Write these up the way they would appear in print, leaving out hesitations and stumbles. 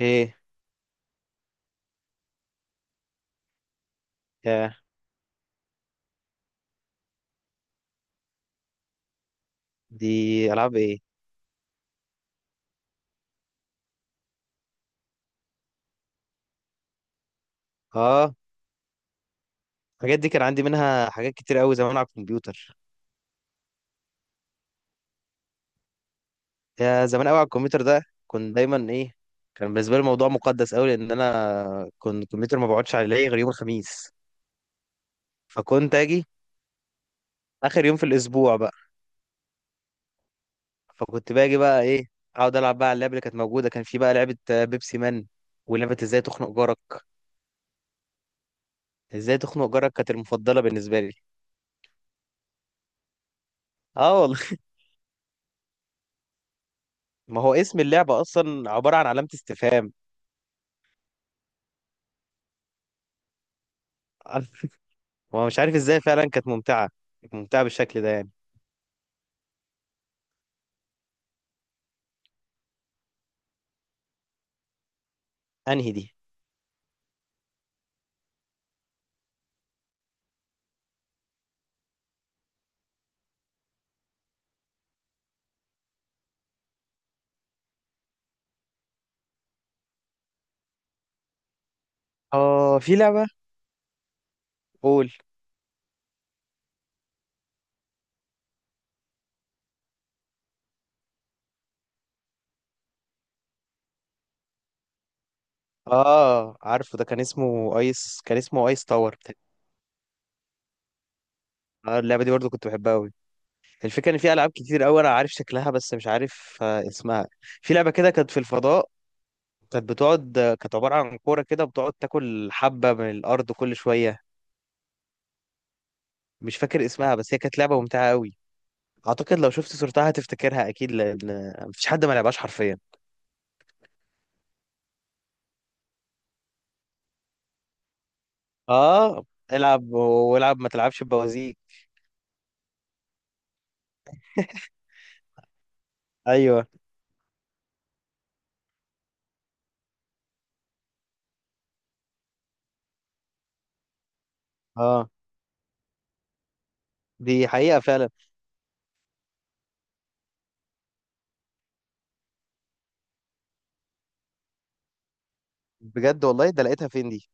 ايه؟ يا، دي العاب ايه؟ اه، الحاجات دي كان عندي منها حاجات كتير قوي زمان على الكمبيوتر. يا زمان قوي على الكمبيوتر ده. كنت دايما ايه؟ كان بالنسبه لي الموضوع مقدس قوي، لان انا كنت الكمبيوتر ما بقعدش عليه غير يوم الخميس. فكنت اجي اخر يوم في الاسبوع بقى. فكنت باجي بقى ايه، اقعد العب بقى على اللعبه اللي كانت موجوده. كان في بقى لعبه بيبسي مان، ولعبه ازاي تخنق جارك. ازاي تخنق جارك كانت المفضله بالنسبه لي. اه والله. ما هو اسم اللعبه اصلا عباره عن علامه استفهام. هو مش عارف ازاي. فعلا كانت ممتعة. كانت ممتعة بالشكل ده يعني. انهي دي؟ اه، في لعبة. قول. اه، عارفه، ده كان اسمه ايس تاور اه. اللعبة دي برضو كنت بحبها قوي. الفكرة ان في العاب كتير قوي انا عارف شكلها بس مش عارف اسمها. في لعبة كده كانت في الفضاء. كانت بتقعد آه، كانت عبارة عن كورة كده، بتقعد تاكل حبة من الارض كل شوية. مش فاكر اسمها، بس هي كانت لعبة ممتعة قوي. اعتقد لو شفت صورتها هتفتكرها اكيد، لان مفيش حد ما لعبهاش حرفيا. اه. العب والعب ما تلعبش بوازيك. ايوه. اه، دي حقيقة فعلا. بجد والله، ده لقيتها فين دي؟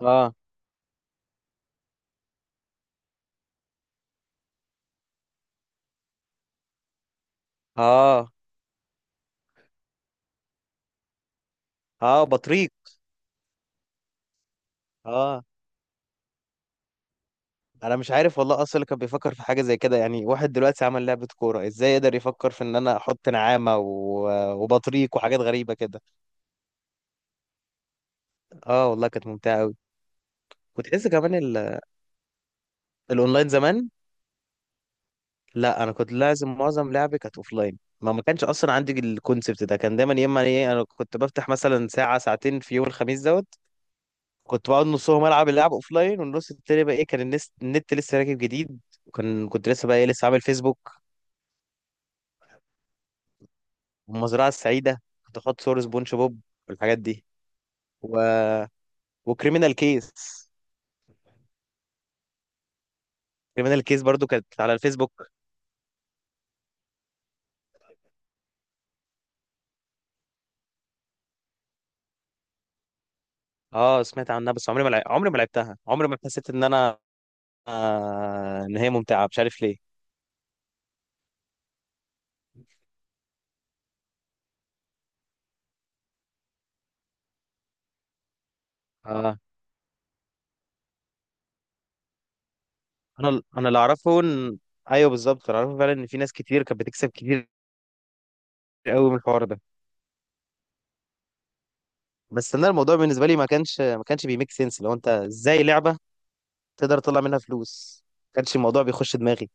اه، اه، اه، بطريق. اه، انا مش عارف والله اصلا اللي كان بيفكر في حاجة زي كده. يعني واحد دلوقتي عمل لعبة كورة، ازاي يقدر يفكر في ان انا احط نعامة و... وبطريق وحاجات غريبة كده. اه والله كانت ممتعة قوي. وتحس كمان ال... الاونلاين زمان. لا، انا كنت لازم معظم لعبي كانت اوف لاين. ما كانش اصلا عندي الكونسبت ده. كان دايما يا اما ايه، انا كنت بفتح مثلا ساعه ساعتين في يوم الخميس دوت. كنت بقعد نصهم العب اللعب اوف لاين، والنص التاني بقى ايه، كان النت لسه راكب جديد. وكان كنت لسه بقى ايه، لسه عامل فيسبوك والمزرعه السعيده. كنت احط صور سبونج بوب والحاجات دي و... وكريمينال كيس. كريمينال كيس برضو كانت على الفيسبوك. اه، سمعت عنها، بس عمري ما لعبتها. عمري ما حسيت ان انا ان هي ممتعه، مش عارف ليه. آه، انا اللي اعرفه ان... ايوه، بالظبط، اللي اعرفه فعلا ان في ناس كتير كانت بتكسب كتير قوي من الحوار ده. بس انا، الموضوع بالنسبه لي ما كانش بيميك سنس. لو انت ازاي لعبه تقدر تطلع منها فلوس؟ ما كانش الموضوع بيخش دماغي.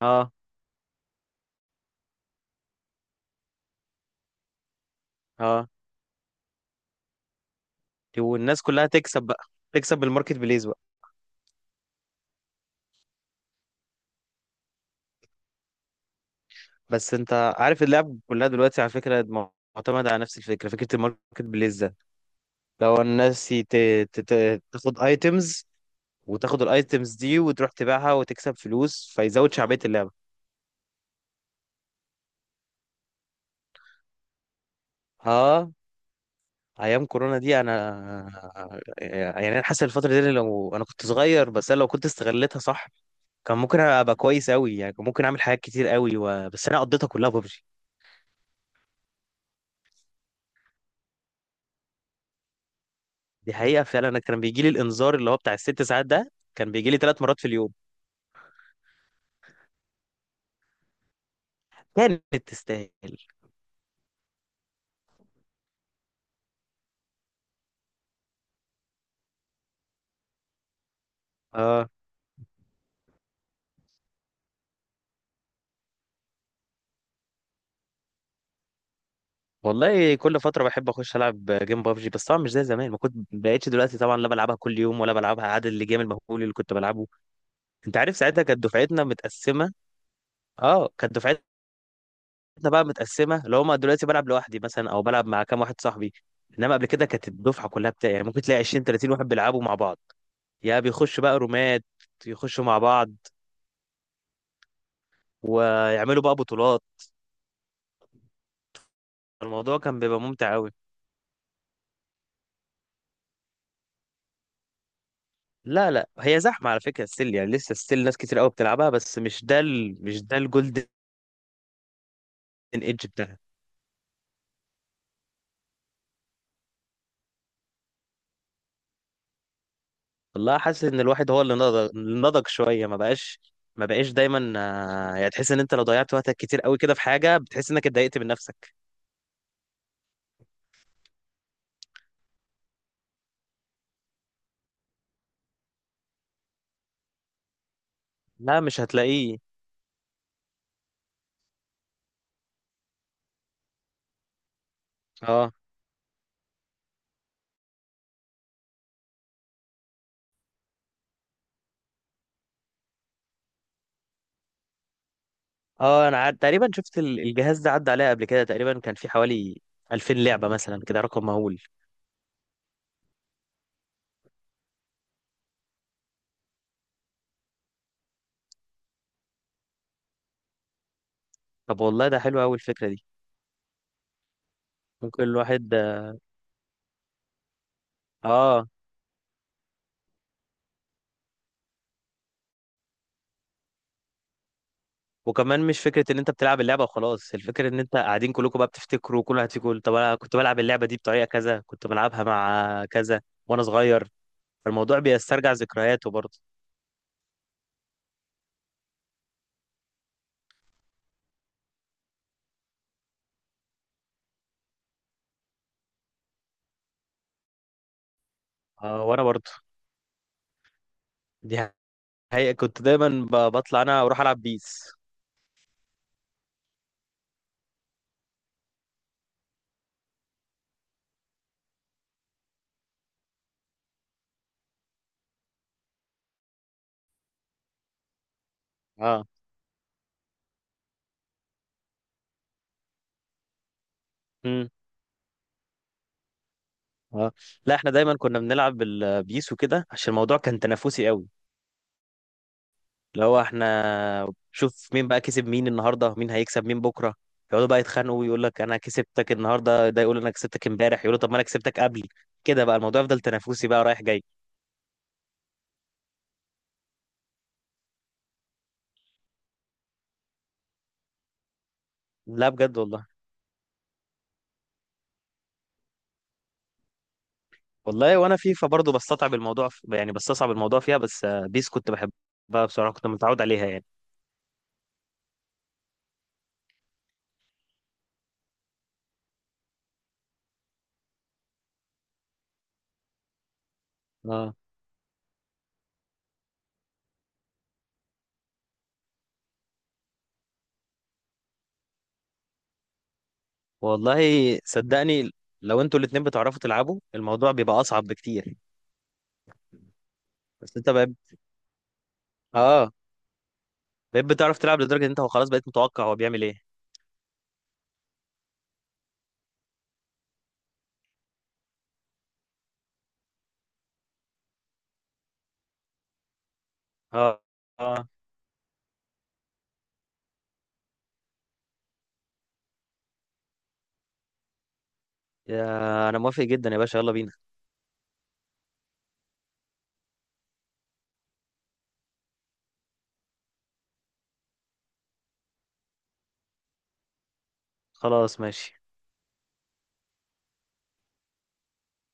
اه. اه، والناس كلها تكسب بقى، تكسب بالماركت بليز بقى. بس انت عارف اللعب كلها دلوقتي على فكره معتمده على نفس الفكره، فكره الماركت بليز ده. لو الناس تاخد ايتمز، وتاخد الايتمز دي وتروح تبيعها وتكسب فلوس، فيزود شعبيه اللعبه. اه، ايام كورونا دي انا، يعني انا حاسس الفتره دي لو انا كنت صغير، بس انا لو كنت استغلتها صح كان ممكن ابقى كويس قوي. يعني كان ممكن اعمل حاجات كتير قوي و... بس انا قضيتها كلها ببجي. دي حقيقه فعلا. انا كان بيجي لي الانذار اللي هو بتاع الست ساعات ده كان بيجي لي ثلاث مرات في اليوم. كانت تستاهل. اه والله، كل فتره بحب اخش العب جيم ببجي، بس طبعا مش زي زمان ما كنت. بقيتش دلوقتي طبعا لا بلعبها كل يوم، ولا بلعبها عدد الجيم المهول اللي كنت بلعبه. انت عارف ساعتها كانت دفعتنا متقسمه. اه، كانت دفعتنا احنا بقى متقسمه. لو هما دلوقتي بلعب لوحدي مثلا او بلعب مع كام واحد صاحبي، انما قبل كده كانت الدفعه كلها بتاعي. يعني ممكن تلاقي 20 30 واحد بيلعبوا مع بعض. يا بيخشوا بقى رومات، يخشوا مع بعض ويعملوا بقى بطولات. الموضوع كان بيبقى ممتع قوي. لا، لا، هي زحمه على فكره. ستيل يعني، لسه ستيل ناس كتير قوي بتلعبها، بس مش ده الجولدن ايدج بتاعها. والله حاسس ان الواحد هو اللي نضج شويه. ما بقاش دايما يعني تحس ان انت لو ضيعت وقتك كتير قوي كده في حاجه، بتحس انك اتضايقت من نفسك. لا، مش هتلاقيه. اه، اه، انا عاد تقريبا شفت الجهاز ده، عدى عليا قبل كده. تقريبا كان في حوالي 2000 لعبة مثلا كده، رقم مهول. طب والله ده حلو قوي، الفكرة دي. ممكن الواحد... اه، وكمان مش فكرة ان انت بتلعب اللعبة وخلاص، الفكرة ان انت قاعدين كلكم بقى بتفتكروا، كل واحد فيكم يقول طب انا كنت بلعب اللعبة دي بطريقة كذا، كنت بلعبها مع كذا وانا صغير. فالموضوع بيسترجع ذكرياته برضه. اه، وانا برضه. دي حقيقة، كنت دايما بطلع انا اروح العب بيس. اه. اه، لا، احنا دايما كنا بنلعب البيس وكده، عشان الموضوع كان تنافسي قوي. اللي هو احنا شوف مين بقى كسب مين النهارده، مين هيكسب مين بكره. يقعدوا بقى يتخانقوا، ويقول لك انا كسبتك النهارده ده، يقول انا كسبتك امبارح، يقولوا طب ما انا كسبتك قبل. كده بقى الموضوع يفضل تنافسي بقى، رايح جاي. لا، بجد والله. والله وانا فيفا برضه يعني بستصعب الموضوع فيها، بس بيس كنت بحبها بصراحه، كنت متعود عليها يعني. اه والله، صدقني، لو انتوا الاتنين بتعرفوا تلعبوا الموضوع بيبقى اصعب بكتير. بس انت بقى اه، بقيت بتعرف تلعب لدرجة ان انت خلاص بقيت متوقع هو بيعمل ايه. اه، اه، يا انا موافق جدا يا باشا، يلا بينا. خلاص ماشي.